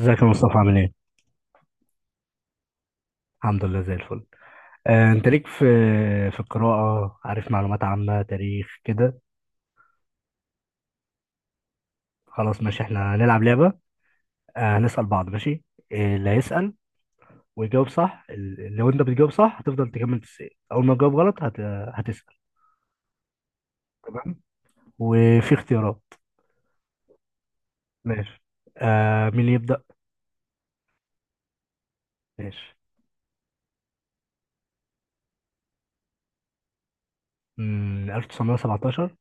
ازيك يا مصطفى عامل ايه؟ الحمد لله زي الفل. انت ليك في القراءة، عارف، معلومات عامة تاريخ كده. خلاص ماشي، احنا هنلعب لعبة. هنسأل بعض، ماشي؟ إيه اللي هيسأل ويجاوب صح؟ لو انت بتجاوب صح هتفضل تكمل تسأل، اول ما تجاوب غلط هتسأل. تمام. وفي اختيارات. ماشي. مين اللي يبدأ؟ ماشي. 1917.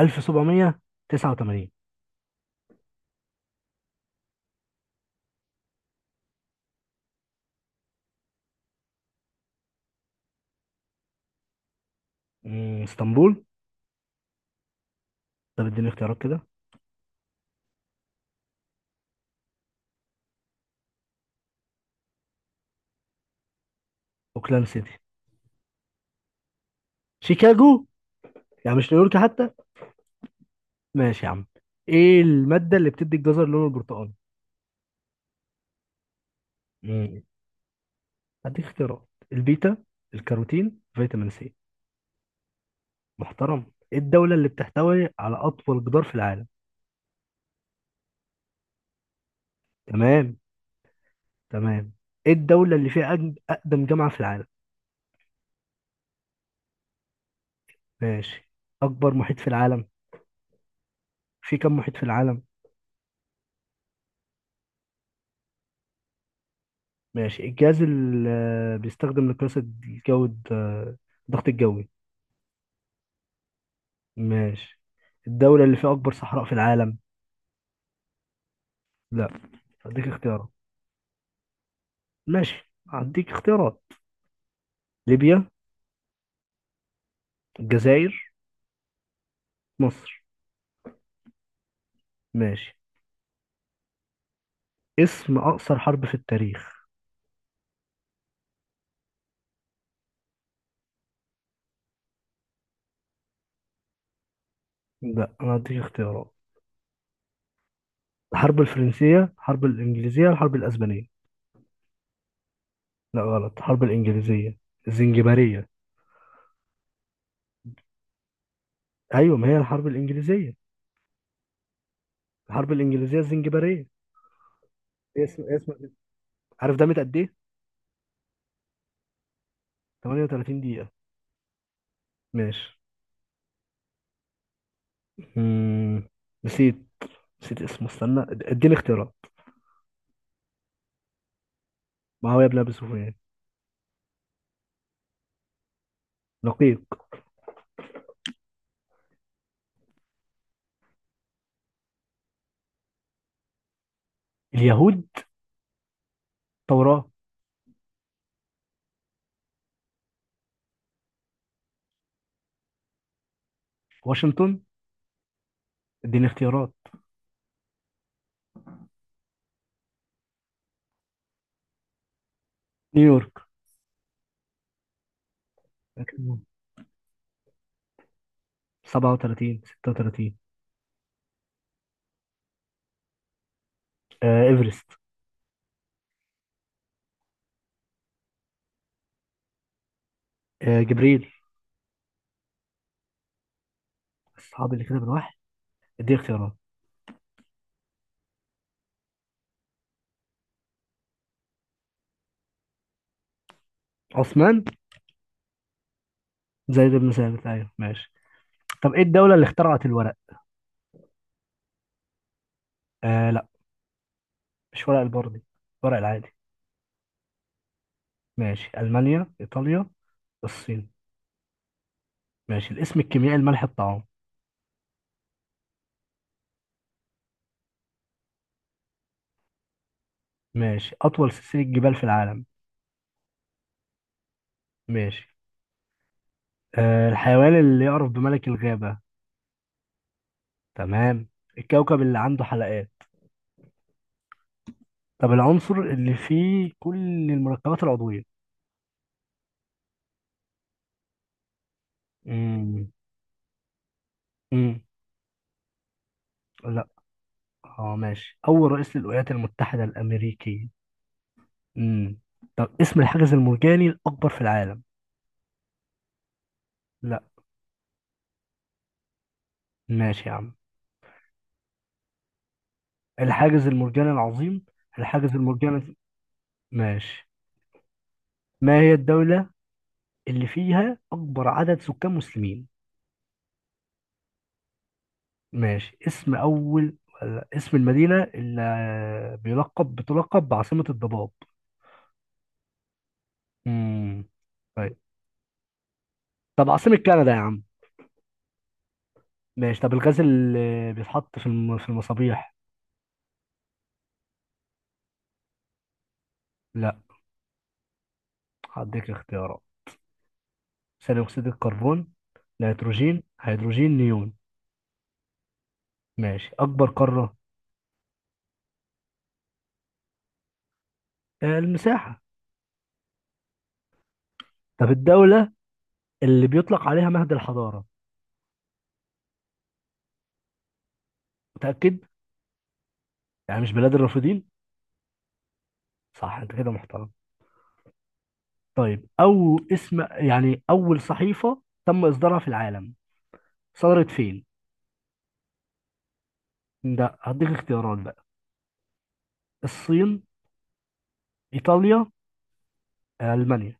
1789. اسطنبول. طب اديني اختيارات كده. اوكلاند سيتي. شيكاغو. يعني مش نيويورك حتى. ماشي يا عم. ايه المادة اللي بتدي الجزر لونه البرتقالي؟ مم. هديك اختيارات. البيتا الكاروتين فيتامين سي. محترم. ايه الدولة اللي بتحتوي على أطول جدار في العالم؟ تمام تمام. ايه الدولة اللي فيها أقدم جامعة في العالم؟ ماشي. أكبر محيط في العالم. في كم محيط في العالم؟ ماشي. الجهاز اللي بيستخدم لقياس الجو الضغط الجوي. ماشي. الدولة اللي فيها أكبر صحراء في العالم؟ لا، هديك اختيارات. ماشي، هديك اختيارات. ليبيا، الجزائر، مصر. ماشي. اسم أقصر حرب في التاريخ. لا، أنا هديك اختيارات. الحرب الفرنسية، الحرب الإنجليزية، الحرب الأسبانية. لا غلط، الحرب الإنجليزية الزنجبارية. أيوة، ما هي الحرب الإنجليزية. الحرب الإنجليزية الزنجبارية. إيه اسم؟ عارف ده قد إيه؟ 38 دقيقة. ماشي. مم. نسيت نسيت اسمه، استنى، اديني اختيارات. معاوية بن أبي سفيان. لقيق. اليهود. توراة. واشنطن. اديني اختيارات. نيويورك. 37، 36. آه، ايفرست. آه، جبريل. الصحابي اللي كده بالواحد. دي اختيارات. عثمان. زيد بن ثابت، ايوه ماشي. طب ايه الدولة اللي اخترعت الورق؟ آه لا. مش ورق البردي، ورق العادي. ماشي. المانيا، ايطاليا، الصين. ماشي. الاسم الكيميائي لملح الطعام. ماشي. اطول سلسلة جبال في العالم. ماشي. الحيوان اللي يعرف بملك الغابة. تمام. الكوكب اللي عنده حلقات. طب العنصر اللي فيه كل المركبات العضوية. امم امم لا. اه ماشي. أول رئيس للولايات المتحدة الأمريكية. امم طب اسم الحاجز المرجاني الأكبر في العالم. لا. ماشي يا عم. الحاجز المرجاني العظيم. الحاجز المرجاني. ماشي. ما هي الدولة اللي فيها أكبر عدد سكان مسلمين. ماشي. اسم أول، ولا اسم المدينة اللي بتلقب بعاصمة الضباب. امم طيب. طب عاصمة كندا يا عم. ماشي. طب الغاز اللي بيتحط في في المصابيح. لا، هديك اختيارات. ثاني اكسيد الكربون، نيتروجين، هيدروجين، نيون. ماشي. اكبر قاره. المساحه. طب الدوله اللي بيطلق عليها مهد الحضاره. متاكد؟ يعني مش بلاد الرافدين. صح، انت كده محترم. طيب، او اسم، يعني، اول صحيفه تم اصدارها في العالم. صدرت فين؟ ده هديك اختيارات بقى. الصين، ايطاليا، المانيا.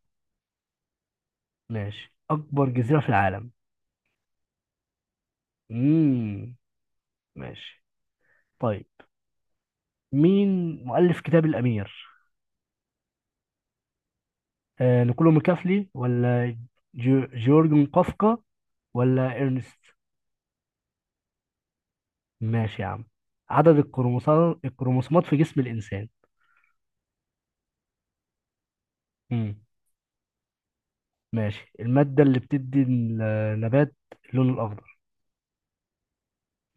ماشي. اكبر جزيره في العالم. امم ماشي. طيب. مين مؤلف كتاب الامير؟ نيكولو ميكافلي ولا جيورجن قفقة ولا إرنست. ماشي يا عم. عدد الكروموسومات في جسم الإنسان. مم. ماشي. المادة اللي بتدي النبات اللون الأخضر.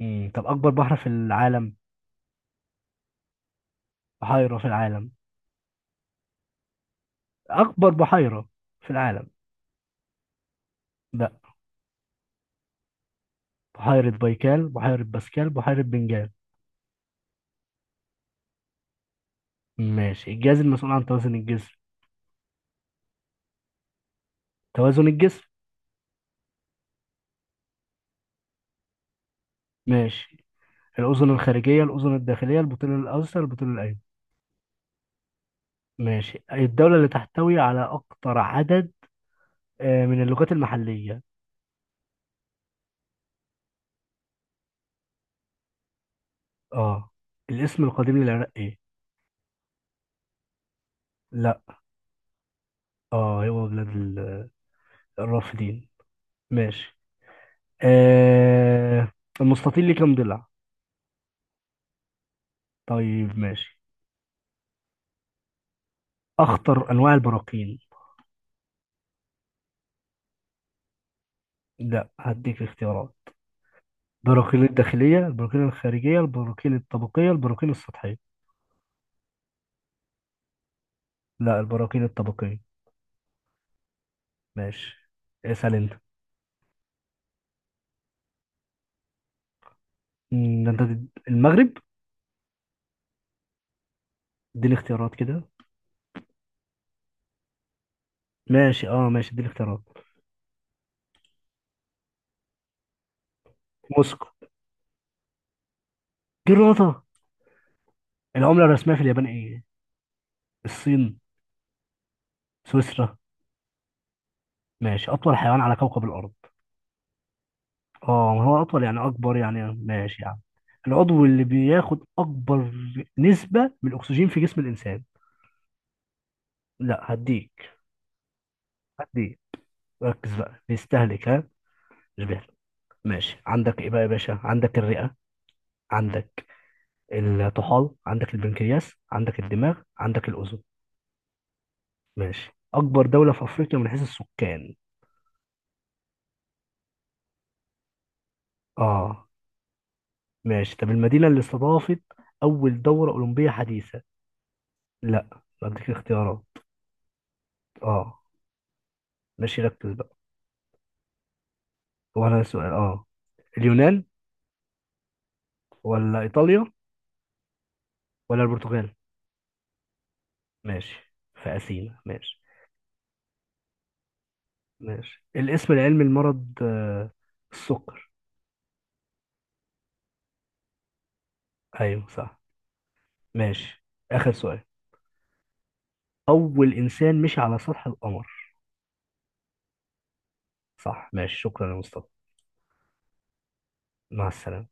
مم. طب أكبر بحر في العالم. بحيرة في العالم. أكبر بحيرة في العالم. لا. بحيرة بايكال، بحيرة باسكال، بحيرة بنجال. ماشي. الجهاز المسؤول عن توازن الجسم. توازن الجسم. ماشي. الأذن الخارجية، الأذن الداخلية، البطيل الأيسر، البطيل الأيمن. ماشي. الدولة اللي تحتوي على أكتر عدد من اللغات المحلية. اه. الاسم القديم للعراق ايه؟ لا. اه، هو بلاد الرافدين. ماشي. آه المستطيل ليه كام ضلع؟ طيب ماشي. أخطر أنواع البراكين. لا، هديك اختيارات. البراكين الداخلية، البراكين الخارجية، البراكين الطبقية، البراكين السطحية. لا، البراكين الطبقية. ماشي. اسأل انت. ده انت المغرب. اديني اختيارات كده. ماشي، اه ماشي، اديني اختيارات. موسكو. دي الرطة. العملة الرسمية في اليابان ايه؟ الصين. سويسرا. ماشي. أطول حيوان على كوكب الأرض. اه، ما هو أطول يعني أكبر، يعني ماشي يعني. العضو اللي بياخد أكبر نسبة من الأكسجين في جسم الإنسان. لا، هديك. هديك. ركز بقى، بيستهلك، ها، مش بيهلك. ماشي. عندك ايه بقى يا باشا؟ عندك الرئة، عندك الطحال، عندك البنكرياس، عندك الدماغ، عندك الأذن. ماشي. أكبر دولة في أفريقيا من حيث السكان. اه. ماشي. طب المدينة اللي استضافت أول دورة أولمبية حديثة. لا، أديك اختيارات. اه. ماشي، ركز بقى. هو أنا السؤال، اه، اليونان ولا إيطاليا ولا البرتغال. ماشي، في أثينا، ماشي. ماشي. الاسم العلمي لمرض السكر. أيوه صح. ماشي. آخر سؤال. أول إنسان مشي على سطح القمر. صح ماشي، شكرا يا مصطفى. مع السلامة.